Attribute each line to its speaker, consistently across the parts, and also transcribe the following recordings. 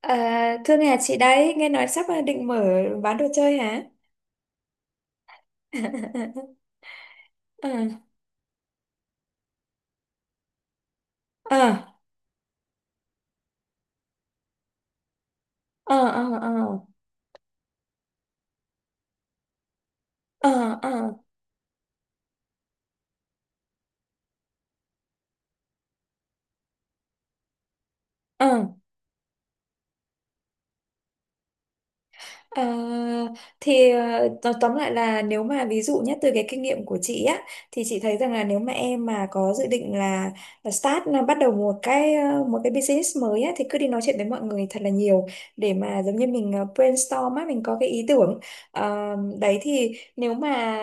Speaker 1: À, thưa nhà chị đấy, nghe nói sắp à, định mở bán đồ chơi hả? Ờ, ờ, ờ, ờ, ờ, ờ, ờ. Ờ. À, thì tóm tóm lại là nếu mà ví dụ nhất từ cái kinh nghiệm của chị á, thì chị thấy rằng là nếu mà em mà có dự định là start, là bắt đầu một cái business mới á, thì cứ đi nói chuyện với mọi người thật là nhiều để mà giống như mình brainstorm á, mình có cái ý tưởng. Ờ, đấy thì nếu mà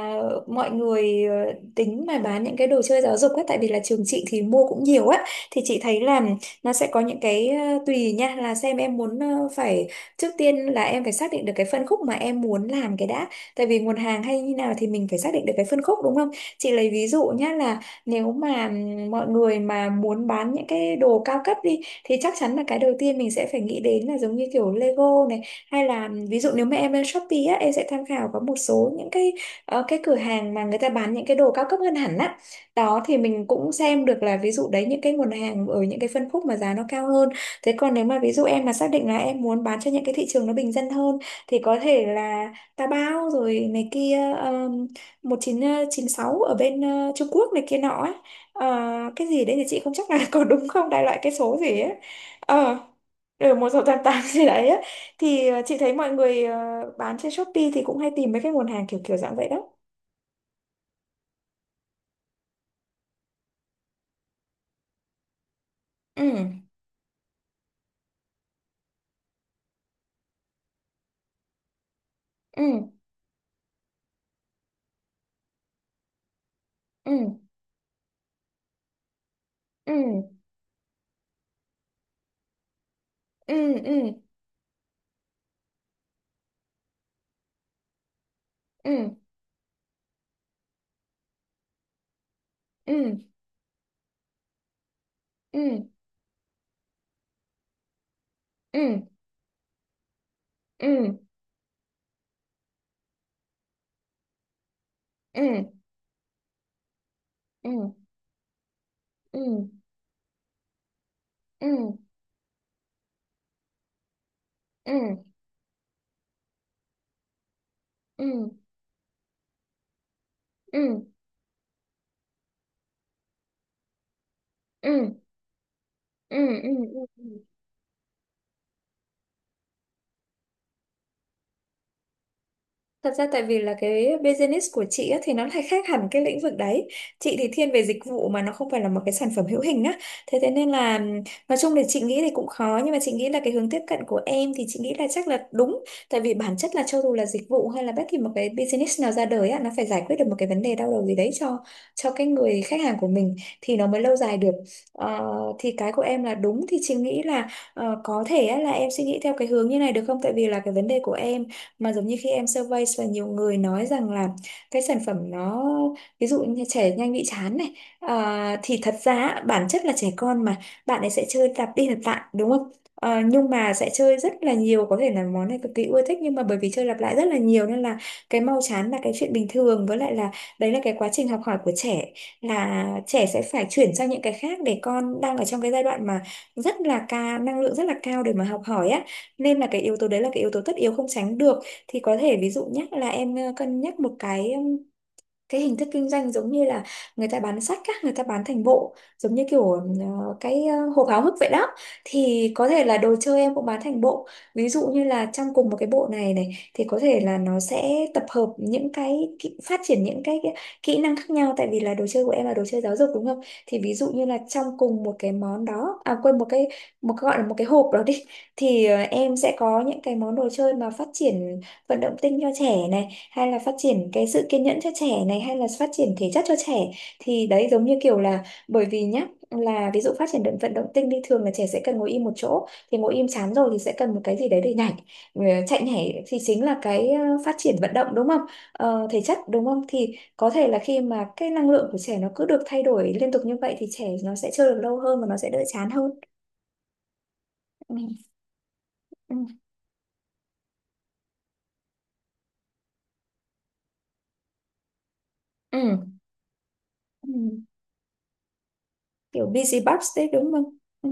Speaker 1: mọi người tính mà bán những cái đồ chơi giáo dục á, tại vì là trường chị thì mua cũng nhiều á, thì chị thấy là nó sẽ có những cái tùy nha, là xem em muốn ờ, phải Trước tiên là em phải xác định được cái phân khúc mà em muốn làm cái đã. Tại vì nguồn hàng hay như nào thì mình phải xác định được cái phân khúc, đúng không? Chị lấy ví dụ nhá, là nếu mà mọi người mà muốn bán những cái đồ cao cấp đi thì chắc chắn là cái đầu tiên mình sẽ phải nghĩ đến là giống như kiểu Lego này, hay là ví dụ nếu mà em lên Shopee á, em sẽ tham khảo có một số những cái cái cửa hàng mà người ta bán những cái đồ cao cấp hơn hẳn á. Đó thì mình cũng xem được là ví dụ đấy, những cái nguồn hàng ở những cái phân khúc mà giá nó cao hơn. Thế còn nếu mà ví dụ em mà xác định là em muốn bán cho những cái thị trường nó bình dân hơn, thì có thể là Taobao rồi này kia, um, 1996 ở bên Trung Quốc này kia nọ ấy. Ờ, cái gì đấy thì chị không chắc là có đúng không, đại loại cái số gì ấy. Ờ Ở 1688 gì đấy ấy. Thì chị thấy mọi người bán trên Shopee thì cũng hay tìm mấy cái nguồn hàng kiểu kiểu dạng vậy đó. Ừ, ừ, ừ, ừ, ừ, ừ, ừ, ừ, ừ, ừ, ừ, ừ, ừ. Ừ, ừ, ừ. Ừ, ừ, ừ, ừ, ừ, ừ, ừ, ừ, ừ, ừ. Ừ. Thật ra tại vì là cái business của chị á, thì nó lại khác hẳn cái lĩnh vực đấy. Chị thì thiên về dịch vụ mà nó không phải là một cái sản phẩm hữu hình á. Thế thế nên là nói chung thì chị nghĩ thì cũng khó, nhưng mà chị nghĩ là cái hướng tiếp cận của em thì chị nghĩ là chắc là đúng. Tại vì bản chất là cho dù là dịch vụ hay là bất kỳ một cái business nào ra đời á, nó phải giải quyết được một cái vấn đề đau đầu gì đấy cho cái người khách hàng của mình thì nó mới lâu dài được. Ờ, thì cái của em là đúng, thì chị nghĩ là có thể á, là em suy nghĩ theo cái hướng như này được không? Tại vì là cái vấn đề của em mà giống như khi em survey và nhiều người nói rằng là cái sản phẩm nó, ví dụ như trẻ nhanh bị chán này, à, thì thật ra bản chất là trẻ con mà, bạn ấy sẽ chơi lặp đi lặp lại đúng không? Ờ, nhưng mà sẽ chơi rất là nhiều, có thể là món này cực kỳ ưa thích nhưng mà bởi vì chơi lặp lại rất là nhiều nên là cái mau chán là cái chuyện bình thường. Với lại là đấy là cái quá trình học hỏi của trẻ, là trẻ sẽ phải chuyển sang những cái khác, để con đang ở trong cái giai đoạn mà rất là ca, năng lượng rất là cao để mà học hỏi á, nên là cái yếu tố đấy là cái yếu tố tất yếu không tránh được. Thì có thể ví dụ nhé, là em cân nhắc một cái hình thức kinh doanh giống như là người ta bán sách á, người ta bán thành bộ, giống như kiểu cái hộp háo hức vậy đó, thì có thể là đồ chơi em cũng bán thành bộ, ví dụ như là trong cùng một cái bộ này này thì có thể là nó sẽ tập hợp những cái kỹ, phát triển những cái kỹ năng khác nhau, tại vì là đồ chơi của em là đồ chơi giáo dục đúng không. Thì ví dụ như là trong cùng một cái món đó, à quên, một cái gọi là một cái hộp đó đi, thì em sẽ có những cái món đồ chơi mà phát triển vận động tinh cho trẻ này, hay là phát triển cái sự kiên nhẫn cho trẻ này, hay là phát triển thể chất cho trẻ. Thì đấy giống như kiểu là bởi vì nhá, là ví dụ phát triển vận động tinh đi, thường là trẻ sẽ cần ngồi im một chỗ, thì ngồi im chán rồi thì sẽ cần một cái gì đấy để nhảy. Ừ, chạy nhảy thì chính là cái phát triển vận động đúng không. Ờ, thể chất đúng không, thì có thể là khi mà cái năng lượng của trẻ nó cứ được thay đổi liên tục như vậy thì trẻ nó sẽ chơi được lâu hơn và nó sẽ đỡ chán hơn. Ừ. Ừ. Ừ. Ừ. Kiểu busy bus đấy đúng không? Ừ.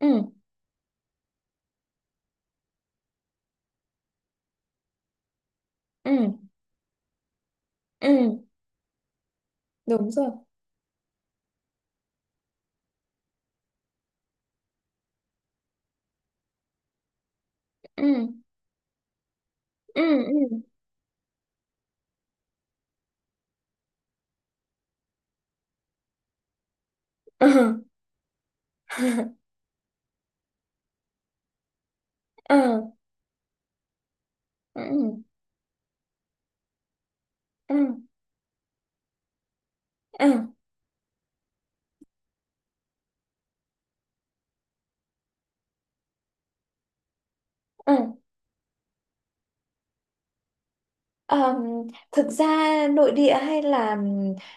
Speaker 1: Ừ. Ừ. Ừ, đúng rồi. Ừ, ừ, ừ, ừ. Ừ, ừ, ừ, ừ, ừ. Ờm, Thực ra nội địa hay là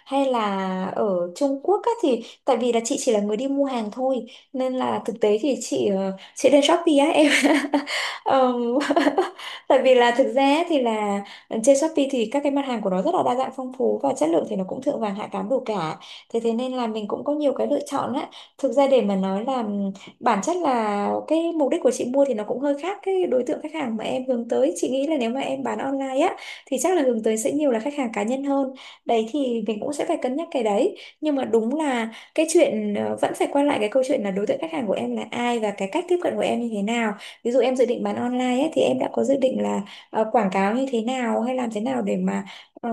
Speaker 1: ở Trung Quốc á, thì tại vì là chị chỉ là người đi mua hàng thôi, nên là thực tế thì chị lên Shopee á em, Ờm, tại vì là thực ra thì là trên Shopee thì các cái mặt hàng của nó rất là đa dạng phong phú, và chất lượng thì nó cũng thượng vàng hạ cám đủ cả, thế thế nên là mình cũng có nhiều cái lựa chọn á. Thực ra để mà nói là bản chất là cái mục đích của chị mua thì nó cũng hơi khác cái đối tượng khách hàng mà em hướng tới. Chị nghĩ là nếu mà em bán online á thì chắc là hướng tới sẽ nhiều là khách hàng cá nhân hơn, đấy thì mình cũng sẽ phải cân nhắc cái đấy. Nhưng mà đúng là cái chuyện vẫn phải quay lại cái câu chuyện là đối tượng khách hàng của em là ai và cái cách tiếp cận của em như thế nào. Ví dụ em dự định bán online ấy, thì em đã có dự định là quảng cáo như thế nào, hay làm thế nào để mà ờ,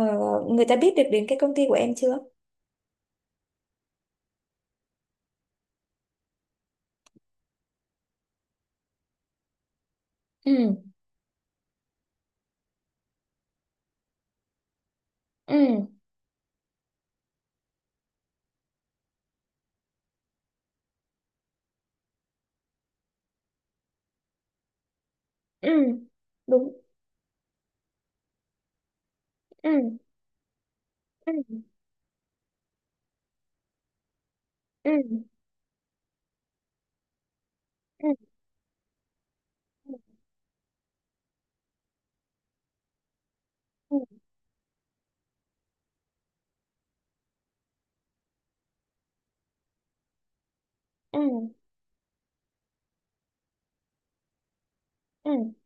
Speaker 1: người ta biết được đến cái công ty của em chưa? Ừ, ừ, ừ, đúng. Ừ, ừ, ừ, ừ, ừ, ừ, ừ,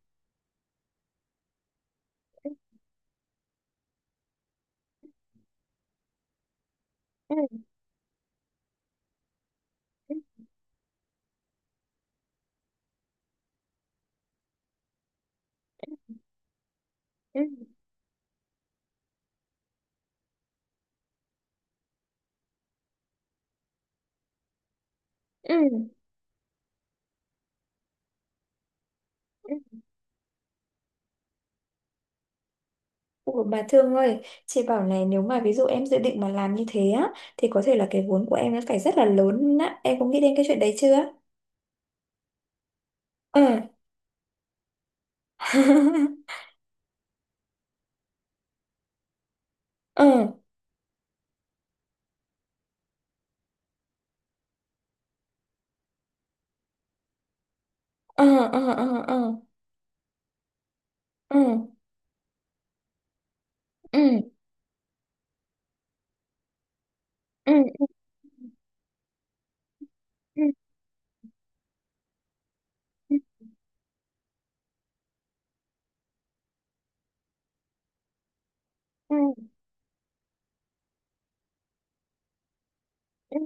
Speaker 1: ừ, ừ, ừ, ừ. Ủa, bà Thương ơi, chị bảo này, nếu mà ví dụ em dự định mà làm như thế á thì có thể là cái vốn của em nó phải rất là lớn á, em có nghĩ đến cái chuyện đấy chưa? Ừ. Ừ, ừ, ừ, ừ, ừ, ừ, ừ, ừ, ừ, ừ, ừ, ừ.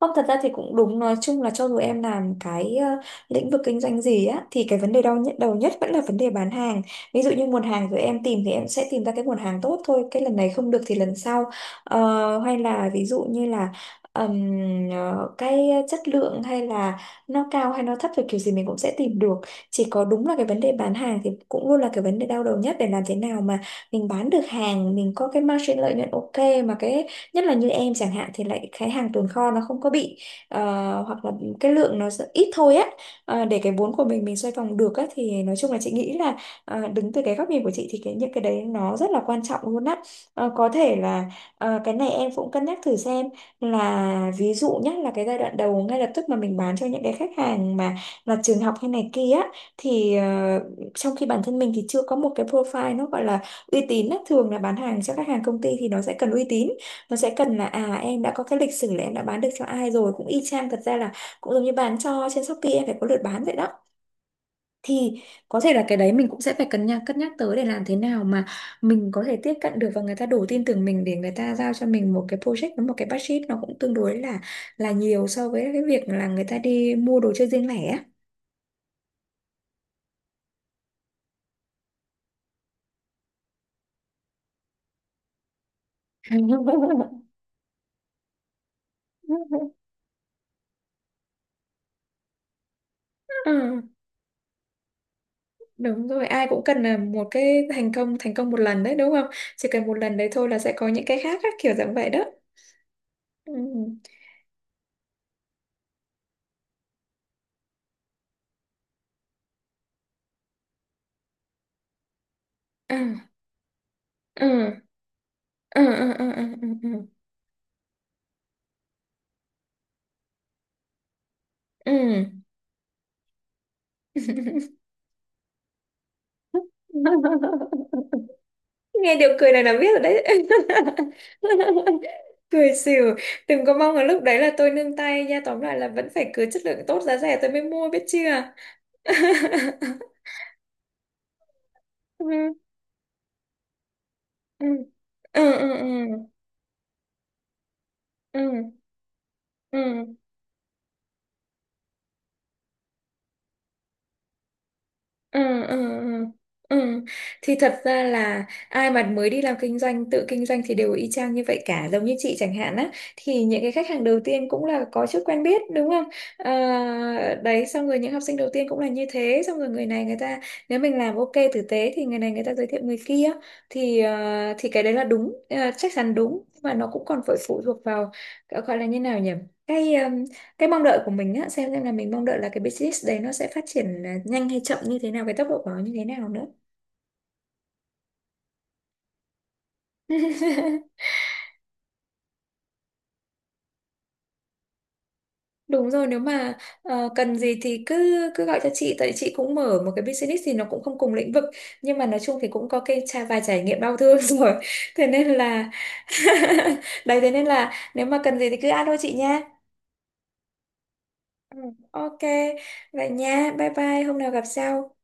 Speaker 1: Không, thật ra thì cũng đúng, nói chung là cho dù em làm cái lĩnh vực kinh doanh gì á thì cái vấn đề đau nhất, đầu nhất, vẫn là vấn đề bán hàng. Ví dụ như nguồn hàng rồi em tìm thì em sẽ tìm ra cái nguồn hàng tốt thôi, cái lần này không được thì lần sau. Ờ, hay là ví dụ như là ừm, cái chất lượng hay là nó cao hay nó thấp thì kiểu gì mình cũng sẽ tìm được. Chỉ có đúng là cái vấn đề bán hàng thì cũng luôn là cái vấn đề đau đầu nhất, để làm thế nào mà mình bán được hàng, mình có cái margin lợi nhuận ok, mà cái nhất là như em chẳng hạn thì lại cái hàng tồn kho nó không có bị ờ, hoặc là cái lượng nó sẽ ít thôi á. Ờ, để cái vốn của mình xoay vòng được á, thì nói chung là chị nghĩ là đứng từ cái góc nhìn của chị thì cái những cái đấy nó rất là quan trọng luôn á. Ờ, có thể là cái này em cũng cân nhắc thử xem, là ví dụ nhất là cái giai đoạn đầu ngay lập tức mà mình bán cho những cái khách hàng mà là trường học hay này kia á, thì trong khi bản thân mình thì chưa có một cái profile nó gọi là uy tín á. Thường là bán hàng cho khách hàng công ty thì nó sẽ cần uy tín, nó sẽ cần là à, em đã có cái lịch sử là em đã bán được cho ai rồi, cũng y chang, thật ra là cũng giống như bán cho trên Shopee em phải có lượt bán vậy đó. Thì có thể là cái đấy mình cũng sẽ phải cân nhắc tới, để làm thế nào mà mình có thể tiếp cận được và người ta đủ tin tưởng mình để người ta giao cho mình một cái project với một cái budget nó cũng tương đối là nhiều so với cái việc là người ta đi mua đồ chơi riêng lẻ á. Ừ, đúng rồi, ai cũng cần là một cái thành công một lần đấy đúng không, chỉ cần một lần đấy thôi là sẽ có những cái khác á, kiểu dạng vậy đó. Ừ, ừ, ừ, ừ, ừ, ừ, ừ, ừ, ừ. Nghe điều cười này là biết rồi đấy. Cười xỉu, đừng có mong là lúc đấy là tôi nương tay nha, tóm lại là vẫn phải cứ chất lượng tốt giá rẻ tôi mới mua biết chưa. Ừ, ừ, ừ, ừ, ừ, ừ, ừ, ừ, ừ, ừ, ừ. Thì thật ra là ai mà mới đi làm kinh doanh, tự kinh doanh, thì đều y chang như vậy cả, giống như chị chẳng hạn á, thì những cái khách hàng đầu tiên cũng là có chút quen biết đúng không. Ờ, đấy, xong rồi những học sinh đầu tiên cũng là như thế, xong rồi người ta, nếu mình làm ok tử tế thì người này người ta giới thiệu người kia. Thì thì cái đấy là đúng, chắc chắn đúng, nhưng mà nó cũng còn phải phụ thuộc vào, gọi là như nào nhỉ, cái mong đợi của mình á, xem là mình mong đợi là cái business đấy nó sẽ phát triển, à, nhanh hay chậm như thế nào, cái tốc độ của nó như thế nào nữa. Đúng rồi, nếu mà cần gì thì cứ cứ gọi cho chị, tại chị cũng mở một cái business thì nó cũng không cùng lĩnh vực, nhưng mà nói chung thì cũng có cái trải vài trải nghiệm đau thương rồi, thế nên là đấy, thế nên là nếu mà cần gì thì cứ alo chị nha. Ừ, ok, vậy nha, bye bye, hôm nào gặp sau.